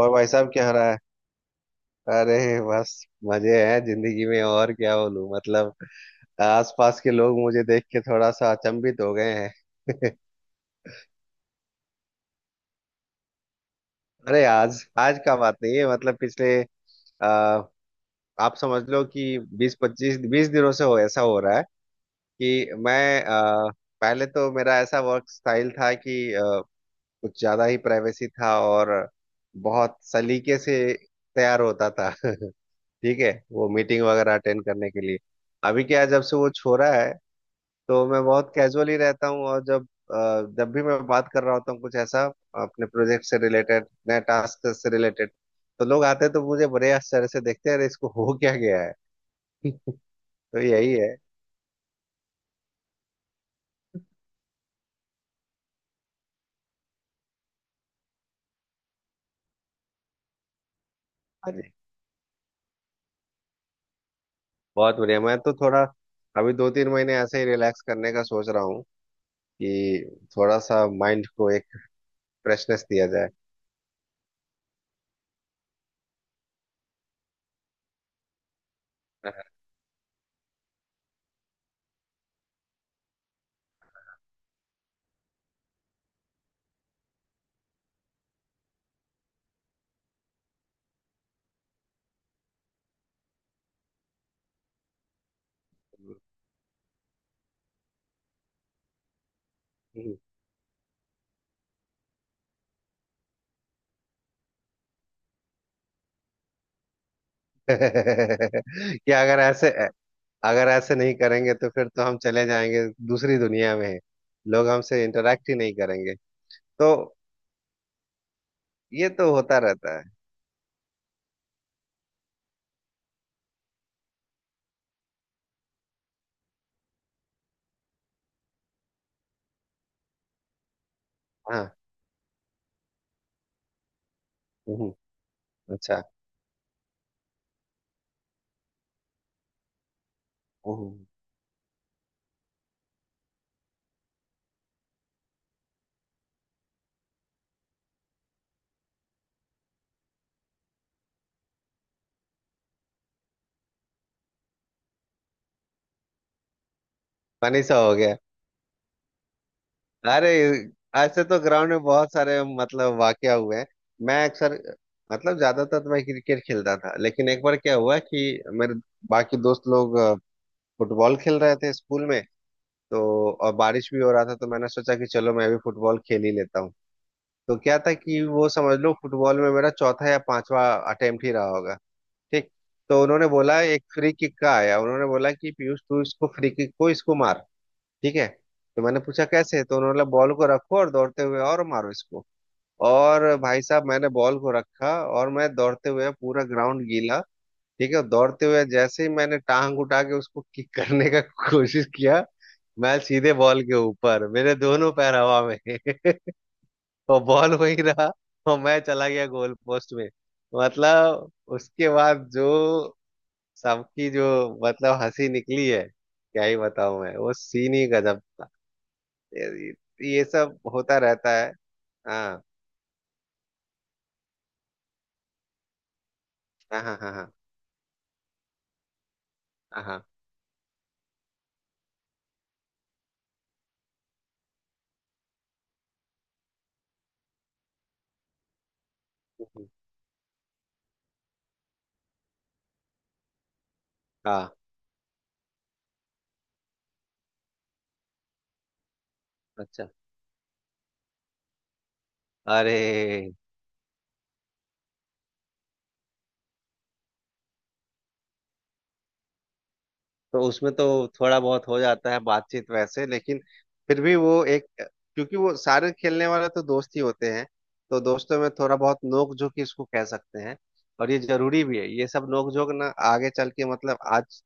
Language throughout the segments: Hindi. और भाई साहब क्या हो रहा है? अरे बस मजे हैं जिंदगी में और क्या बोलूं, मतलब। आसपास के लोग मुझे देख के थोड़ा सा अचंभित हो गए हैं। अरे आज आज का बात नहीं है, मतलब पिछले आ, आप समझ लो कि 20-25, 20 दिनों से हो ऐसा हो रहा है कि मैं पहले तो मेरा ऐसा वर्क स्टाइल था कि कुछ ज्यादा ही प्राइवेसी था, और बहुत सलीके से तैयार होता था। ठीक है, वो मीटिंग वगैरह अटेंड करने के लिए। अभी क्या है, जब से वो छोरा है तो मैं बहुत कैजुअली रहता हूँ, और अ, जब भी मैं बात कर रहा होता हूँ कुछ ऐसा अपने प्रोजेक्ट से रिलेटेड, नए टास्क से रिलेटेड, तो लोग आते हैं तो मुझे बड़े आश्चर्य से देखते हैं, अरे इसको हो क्या गया है। तो यही है। और बहुत बढ़िया, मैं तो थोड़ा अभी 2-3 महीने ऐसे ही रिलैक्स करने का सोच रहा हूँ कि थोड़ा सा माइंड को एक फ्रेशनेस दिया जाए। क्या, अगर ऐसे नहीं करेंगे तो फिर तो हम चले जाएंगे दूसरी दुनिया में, लोग हमसे इंटरेक्ट ही नहीं करेंगे। तो ये तो होता रहता है। हाँ। हम्म। अच्छा। फनी सा हो गया। अरे ऐसे तो ग्राउंड में बहुत सारे, मतलब वाकया हुए हैं। मैं अक्सर, मतलब ज्यादातर तो मैं क्रिकेट खेलता था, लेकिन एक बार क्या हुआ कि मेरे बाकी दोस्त लोग फुटबॉल खेल रहे थे स्कूल में। तो और बारिश भी हो रहा था तो मैंने सोचा कि चलो मैं भी फुटबॉल खेल ही लेता हूँ। तो क्या था कि वो समझ लो, फुटबॉल में मेरा चौथा या पांचवा अटेम्प्ट ही रहा होगा। ठीक। तो उन्होंने बोला, एक फ्री किक का आया, उन्होंने बोला कि पीयूष, तू इसको फ्री किक को इसको मार। ठीक है। तो मैंने पूछा कैसे, तो उन्होंने बोला बॉल को रखो और दौड़ते हुए और मारो इसको। और भाई साहब, मैंने बॉल को रखा, और मैं दौड़ते हुए, पूरा ग्राउंड गीला, ठीक है, दौड़ते हुए जैसे ही मैंने टांग उठा के उसको किक करने का कोशिश किया, मैं सीधे बॉल के ऊपर, मेरे दोनों पैर हवा में। और बॉल वहीं रहा, और मैं चला गया गोल पोस्ट में। मतलब उसके बाद जो, सबकी जो, मतलब हंसी निकली है, क्या ही बताऊं मैं, वो सीन ही गजब था। ये ये सब होता रहता है। हाँ हाँ हाँ। हाँ हाँ हाँ हाँ। अच्छा। अरे, तो उसमें तो थोड़ा बहुत हो जाता है बातचीत वैसे, लेकिन फिर भी वो एक, क्योंकि वो सारे खेलने वाले तो दोस्त ही होते हैं, तो दोस्तों में थोड़ा बहुत नोक झोंक ही इसको कह सकते हैं। और ये जरूरी भी है, ये सब नोक झोंक ना आगे चल के, मतलब आज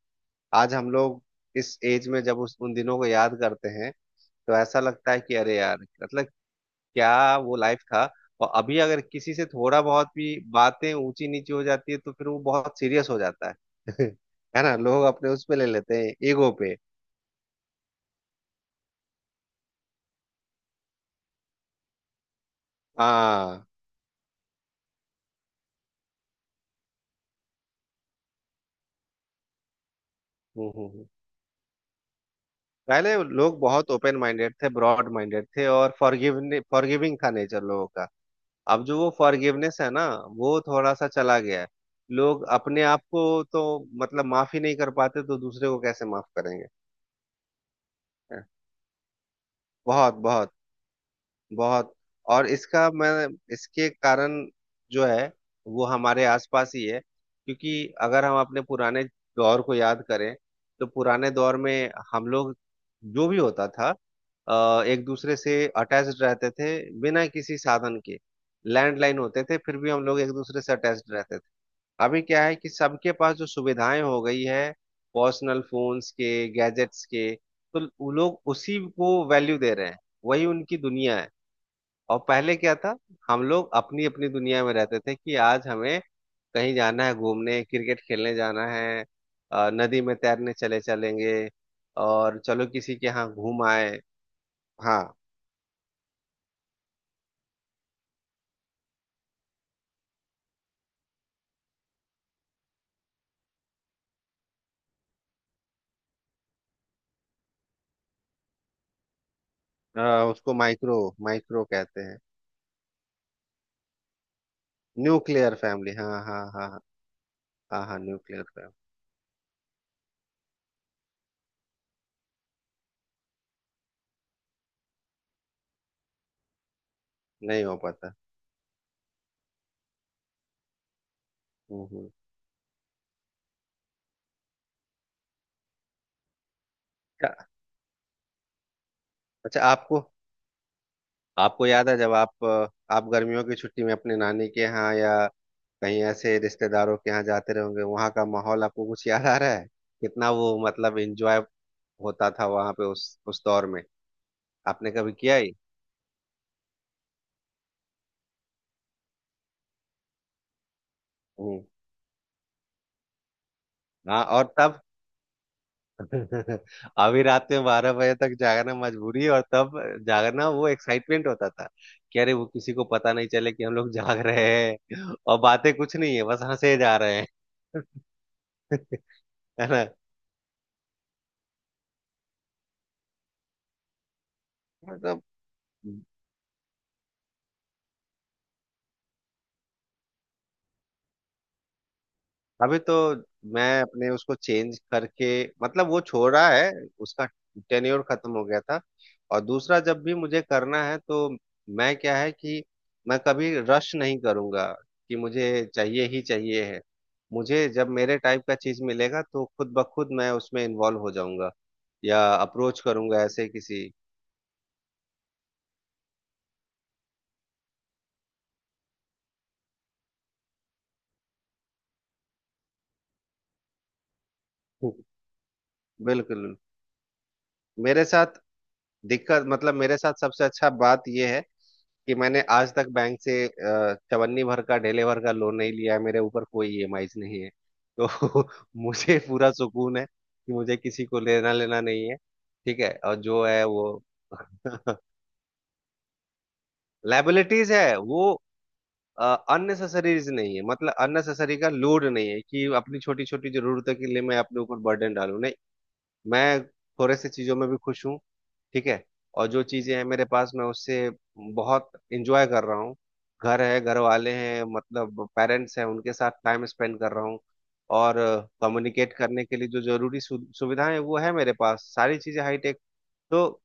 आज हम लोग इस एज में जब उस उन दिनों को याद करते हैं तो ऐसा लगता है कि अरे यार, मतलब क्या वो लाइफ था। और अभी अगर किसी से थोड़ा बहुत भी बातें ऊंची नीची हो जाती है तो फिर वो बहुत सीरियस हो जाता है। है ना, लोग अपने उस पे ले लेते हैं, ईगो पे। हाँ। हम्म हम्म, हम्म। पहले लोग बहुत ओपन माइंडेड थे, ब्रॉड माइंडेड थे, और फॉरगिवने फॉरगिविंग था नेचर लोगों का। अब जो वो फॉरगिवनेस है ना, वो थोड़ा सा चला गया है। लोग अपने आप को तो, मतलब माफ ही नहीं कर पाते, तो दूसरे को कैसे माफ करेंगे। हैं? बहुत बहुत बहुत। और इसका मैं, इसके कारण जो है वो हमारे आसपास ही है, क्योंकि अगर हम अपने पुराने दौर को याद करें, तो पुराने दौर में हम लोग, जो भी होता था, एक दूसरे से अटैच्ड रहते थे बिना किसी साधन के। लैंडलाइन होते थे फिर भी हम लोग एक दूसरे से अटैच्ड रहते थे। अभी क्या है, कि सबके पास जो सुविधाएं हो गई है, पर्सनल फोन्स के, गैजेट्स के, तो वो लोग उसी को वैल्यू दे रहे हैं, वही उनकी दुनिया है। और पहले क्या था, हम लोग अपनी अपनी दुनिया में रहते थे, कि आज हमें कहीं जाना है घूमने, क्रिकेट खेलने जाना है, नदी में तैरने चले चलेंगे, और चलो किसी के यहाँ घूम आए। हाँ। अ, उसको माइक्रो माइक्रो कहते हैं। न्यूक्लियर फैमिली, हाँ हाँ हाँ। हाँ हाँ, न्यूक्लियर फैमिली। नहीं हो पाता। हम्म। अच्छा। अच्छा, आपको आपको याद है जब आप गर्मियों की छुट्टी में अपने नानी के यहाँ या कहीं ऐसे रिश्तेदारों के यहाँ जाते रहोगे, वहाँ का माहौल आपको कुछ याद आ रहा है, कितना वो मतलब एंजॉय होता था वहाँ पे उस दौर में, आपने कभी किया ही। हम्म। हाँ, और तब। अभी रात में 12 बजे तक जागना मजबूरी, और तब जागना वो एक्साइटमेंट होता था, कि अरे वो किसी को पता नहीं चले कि हम लोग जाग रहे हैं, और बातें कुछ नहीं है, बस हंसे जा रहे हैं। है ना? मतलब अभी तो मैं अपने उसको चेंज करके, मतलब वो छोड़ा है। उसका टेन्योर खत्म हो गया था। और दूसरा जब भी मुझे करना है, तो मैं, क्या है कि मैं कभी रश नहीं करूंगा, कि मुझे चाहिए ही चाहिए है। मुझे जब मेरे टाइप का चीज मिलेगा तो खुद ब खुद मैं उसमें इन्वॉल्व हो जाऊंगा, या अप्रोच करूंगा ऐसे किसी। बिल्कुल। मेरे साथ दिक्कत, मतलब मेरे साथ सबसे अच्छा बात यह है कि मैंने आज तक बैंक से चवन्नी भर का, ढेले भर का लोन नहीं लिया है, मेरे ऊपर कोई EMIs नहीं है। तो मुझे पूरा सुकून है कि मुझे किसी को लेना लेना नहीं है। ठीक है, और जो है वो, लाइबिलिटीज है वो अननेसेसरीज नहीं है, मतलब अननेसेसरी का लोड नहीं है, कि अपनी छोटी छोटी जरूरतों के लिए मैं अपने ऊपर बर्डन डालूं, नहीं। मैं थोड़े से चीजों में भी खुश हूँ। ठीक है। और जो चीजें हैं मेरे पास, मैं उससे बहुत इंजॉय कर रहा हूँ। घर है, घर वाले हैं, मतलब पेरेंट्स हैं, उनके साथ टाइम स्पेंड कर रहा हूँ। और कम्युनिकेट करने के लिए जो जरूरी सुविधाएं हैं, वो है मेरे पास, सारी चीजें हाईटेक। तो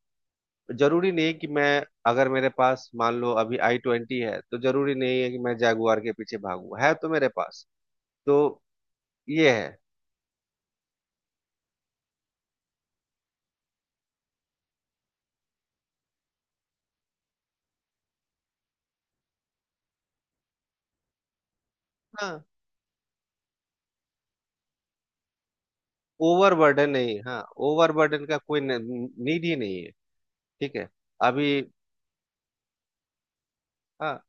जरूरी नहीं, कि मैं अगर, मेरे पास मान लो अभी i20 है तो जरूरी नहीं है कि मैं जैगुआर के पीछे भागूं, है तो मेरे पास। तो ये है। हाँ, ओवरबर्डन नहीं, हाँ, ओवरबर्डन का कोई नीड ही नहीं है। ठीक है। अभी। हाँ,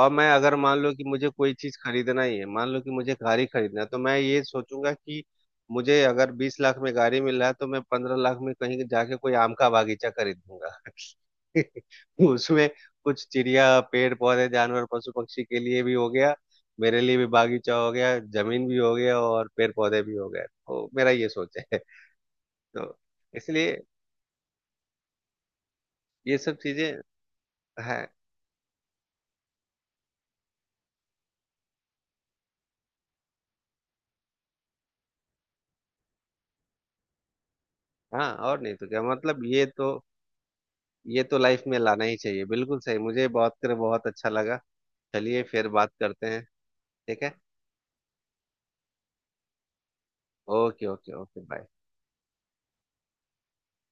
और मैं अगर मान लो कि मुझे कोई चीज खरीदना ही है, मान लो कि मुझे गाड़ी खरीदना है, तो मैं ये सोचूंगा कि मुझे अगर 20 लाख में गाड़ी मिल रहा है, तो मैं 15 लाख में कहीं जाके कोई आम का बागीचा खरीद लूंगा। उसमें कुछ चिड़िया, पेड़ पौधे, जानवर, पशु पक्षी के लिए भी हो गया, मेरे लिए भी बागीचा हो गया, जमीन भी हो गया, और पेड़ पौधे भी हो गए, तो मेरा ये सोच है। तो इसलिए ये सब चीजें है। हाँ, और नहीं तो क्या मतलब, ये तो, ये तो लाइफ में लाना ही चाहिए। बिल्कुल सही, मुझे बात कर बहुत अच्छा लगा। चलिए फिर बात करते हैं, ठीक है। Okay okay okay, bye.